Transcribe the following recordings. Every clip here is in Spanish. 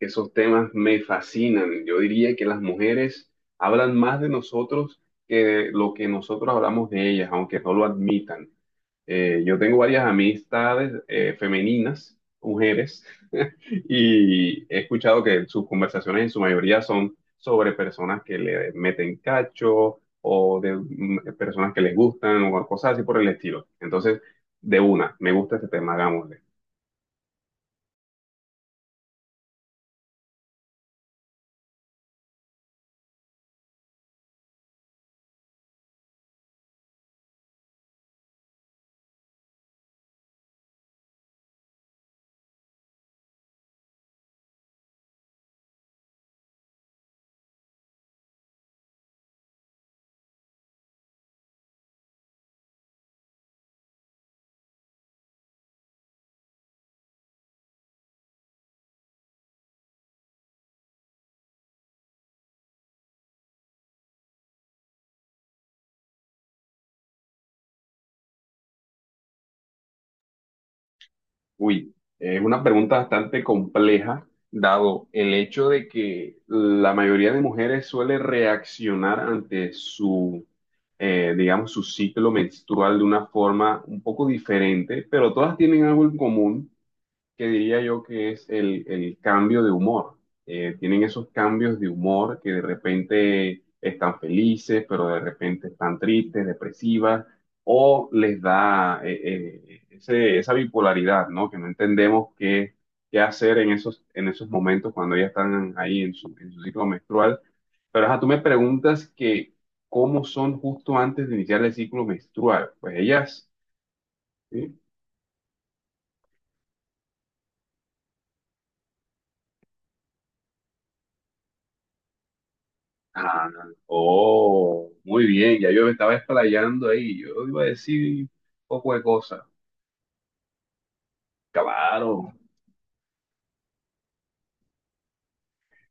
Esos temas me fascinan. Yo diría que las mujeres hablan más de nosotros que de lo que nosotros hablamos de ellas, aunque no lo admitan. Yo tengo varias amistades femeninas, mujeres, y he escuchado que sus conversaciones en su mayoría son sobre personas que le meten cacho o de personas que les gustan o cosas así por el estilo. Entonces, de una, me gusta este tema, hagámosle. Uy, es una pregunta bastante compleja, dado el hecho de que la mayoría de mujeres suele reaccionar ante su, digamos, su ciclo menstrual de una forma un poco diferente, pero todas tienen algo en común que diría yo que es el cambio de humor. Tienen esos cambios de humor que de repente están felices, pero de repente están tristes, depresivas, o les da esa bipolaridad, ¿no? Que no entendemos qué hacer en en esos momentos cuando ya están ahí en en su ciclo menstrual. Pero ajá, tú me preguntas que cómo son justo antes de iniciar el ciclo menstrual. Pues ellas... ¿sí? Ah, oh, muy bien, ya yo me estaba explayando ahí, yo iba a decir un poco de cosas. Claro,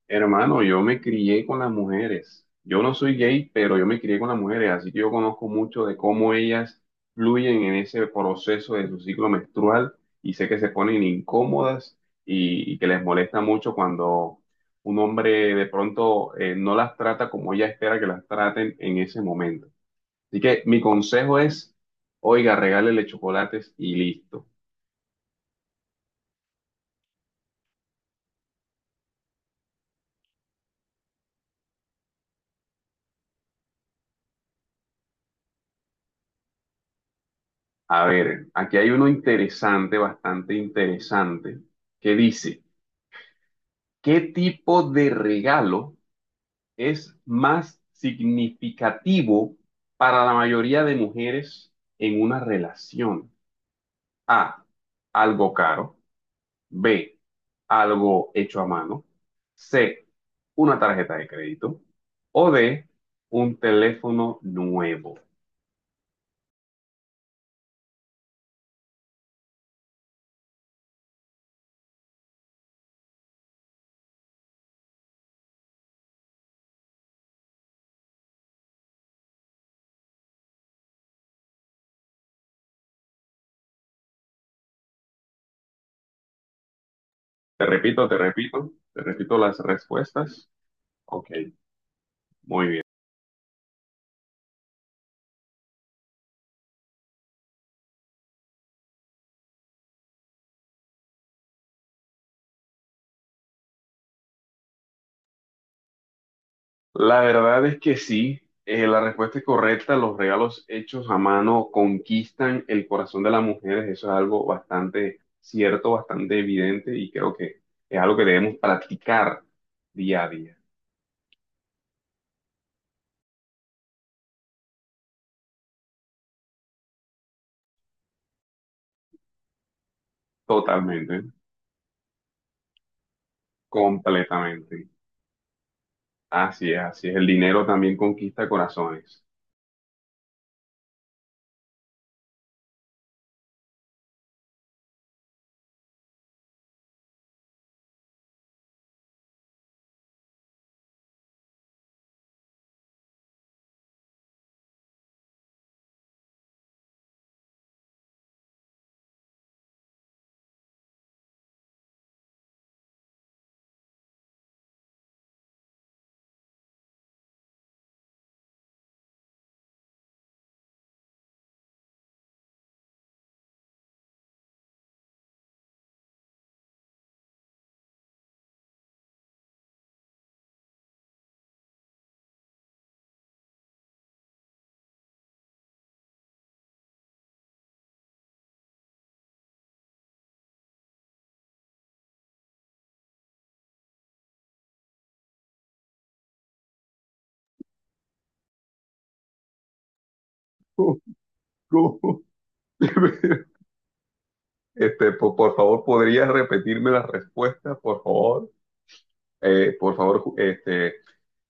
hermano, yo me crié con las mujeres. Yo no soy gay, pero yo me crié con las mujeres, así que yo conozco mucho de cómo ellas fluyen en ese proceso de su ciclo menstrual y sé que se ponen incómodas y que les molesta mucho cuando un hombre de pronto no las trata como ella espera que las traten en ese momento. Así que mi consejo es, oiga, regálele chocolates y listo. A ver, aquí hay uno interesante, bastante interesante, que dice, ¿qué tipo de regalo es más significativo para la mayoría de mujeres en una relación? A, algo caro. B, algo hecho a mano. C, una tarjeta de crédito. O D, un teléfono nuevo. Te repito las respuestas. Ok, muy bien. La verdad es que sí, la respuesta es correcta. Los regalos hechos a mano conquistan el corazón de las mujeres. Eso es algo bastante cierto, bastante evidente y creo que es algo que debemos practicar día a día. Totalmente, completamente. Así es, así es. El dinero también conquista corazones. Por favor, ¿podrías repetirme la respuesta, por favor? Por favor,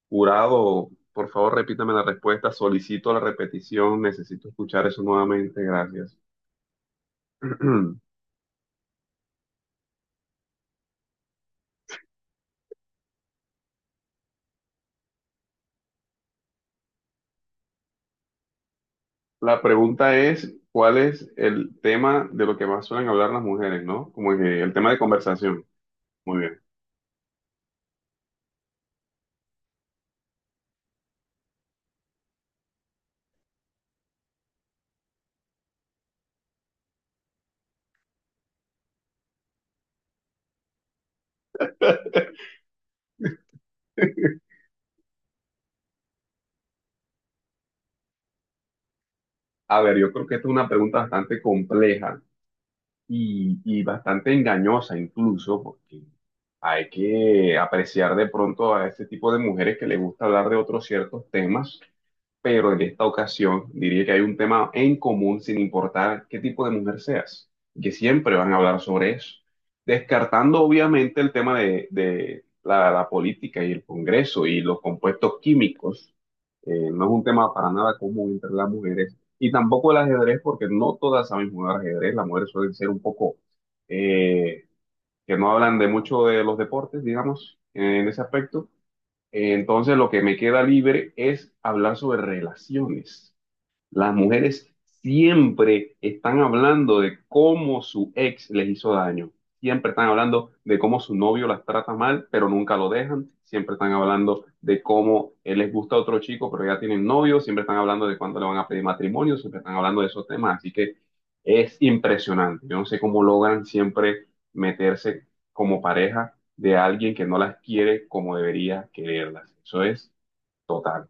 jurado, por favor, repítame la respuesta. Solicito la repetición. Necesito escuchar eso nuevamente. Gracias. La pregunta es, ¿cuál es el tema de lo que más suelen hablar las mujeres, ¿no? Como que el tema de conversación. Muy bien. A ver, yo creo que esta es una pregunta bastante compleja. Y bastante engañosa incluso, porque hay que apreciar de pronto a este tipo de mujeres que les gusta hablar de otros ciertos temas, pero en esta ocasión diría que hay un tema en común sin importar qué tipo de mujer seas, y que siempre van a hablar sobre eso, descartando obviamente el tema de la política y el Congreso y los compuestos químicos. No es un tema para nada común entre las mujeres, y tampoco el ajedrez, porque no todas saben jugar ajedrez. Las mujeres suelen ser un poco, eh, que no hablan de mucho de los deportes, digamos, en ese aspecto. Entonces, lo que me queda libre es hablar sobre relaciones. Las mujeres siempre están hablando de cómo su ex les hizo daño. Siempre están hablando de cómo su novio las trata mal, pero nunca lo dejan. Siempre están hablando de cómo les gusta otro chico, pero ya tienen novio. Siempre están hablando de cuándo le van a pedir matrimonio. Siempre están hablando de esos temas. Así que es impresionante. Yo no sé cómo logran siempre meterse como pareja de alguien que no las quiere como debería quererlas. Eso es total.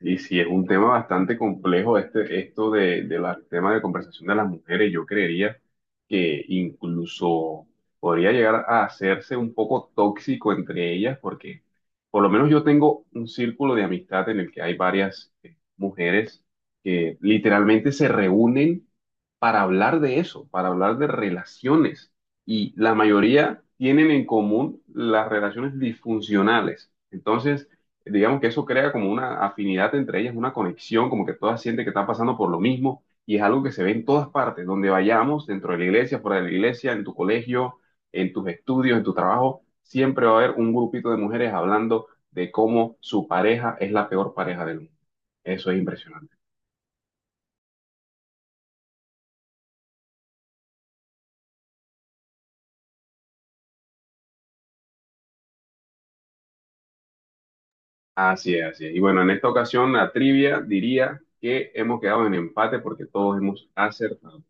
Y sí, es un tema bastante complejo esto de tema de conversación de las mujeres. Yo creería que incluso podría llegar a hacerse un poco tóxico entre ellas, porque por lo menos yo tengo un círculo de amistad en el que hay varias mujeres que literalmente se reúnen para hablar de eso, para hablar de relaciones. Y la mayoría tienen en común las relaciones disfuncionales. Entonces, digamos que eso crea como una afinidad entre ellas, una conexión, como que todas sienten que están pasando por lo mismo. Y es algo que se ve en todas partes, donde vayamos, dentro de la iglesia, fuera de la iglesia, en tu colegio, en tus estudios, en tu trabajo, siempre va a haber un grupito de mujeres hablando de cómo su pareja es la peor pareja del mundo. Eso es impresionante. Así es, así es. Y bueno, en esta ocasión la trivia diría que hemos quedado en empate porque todos hemos acertado.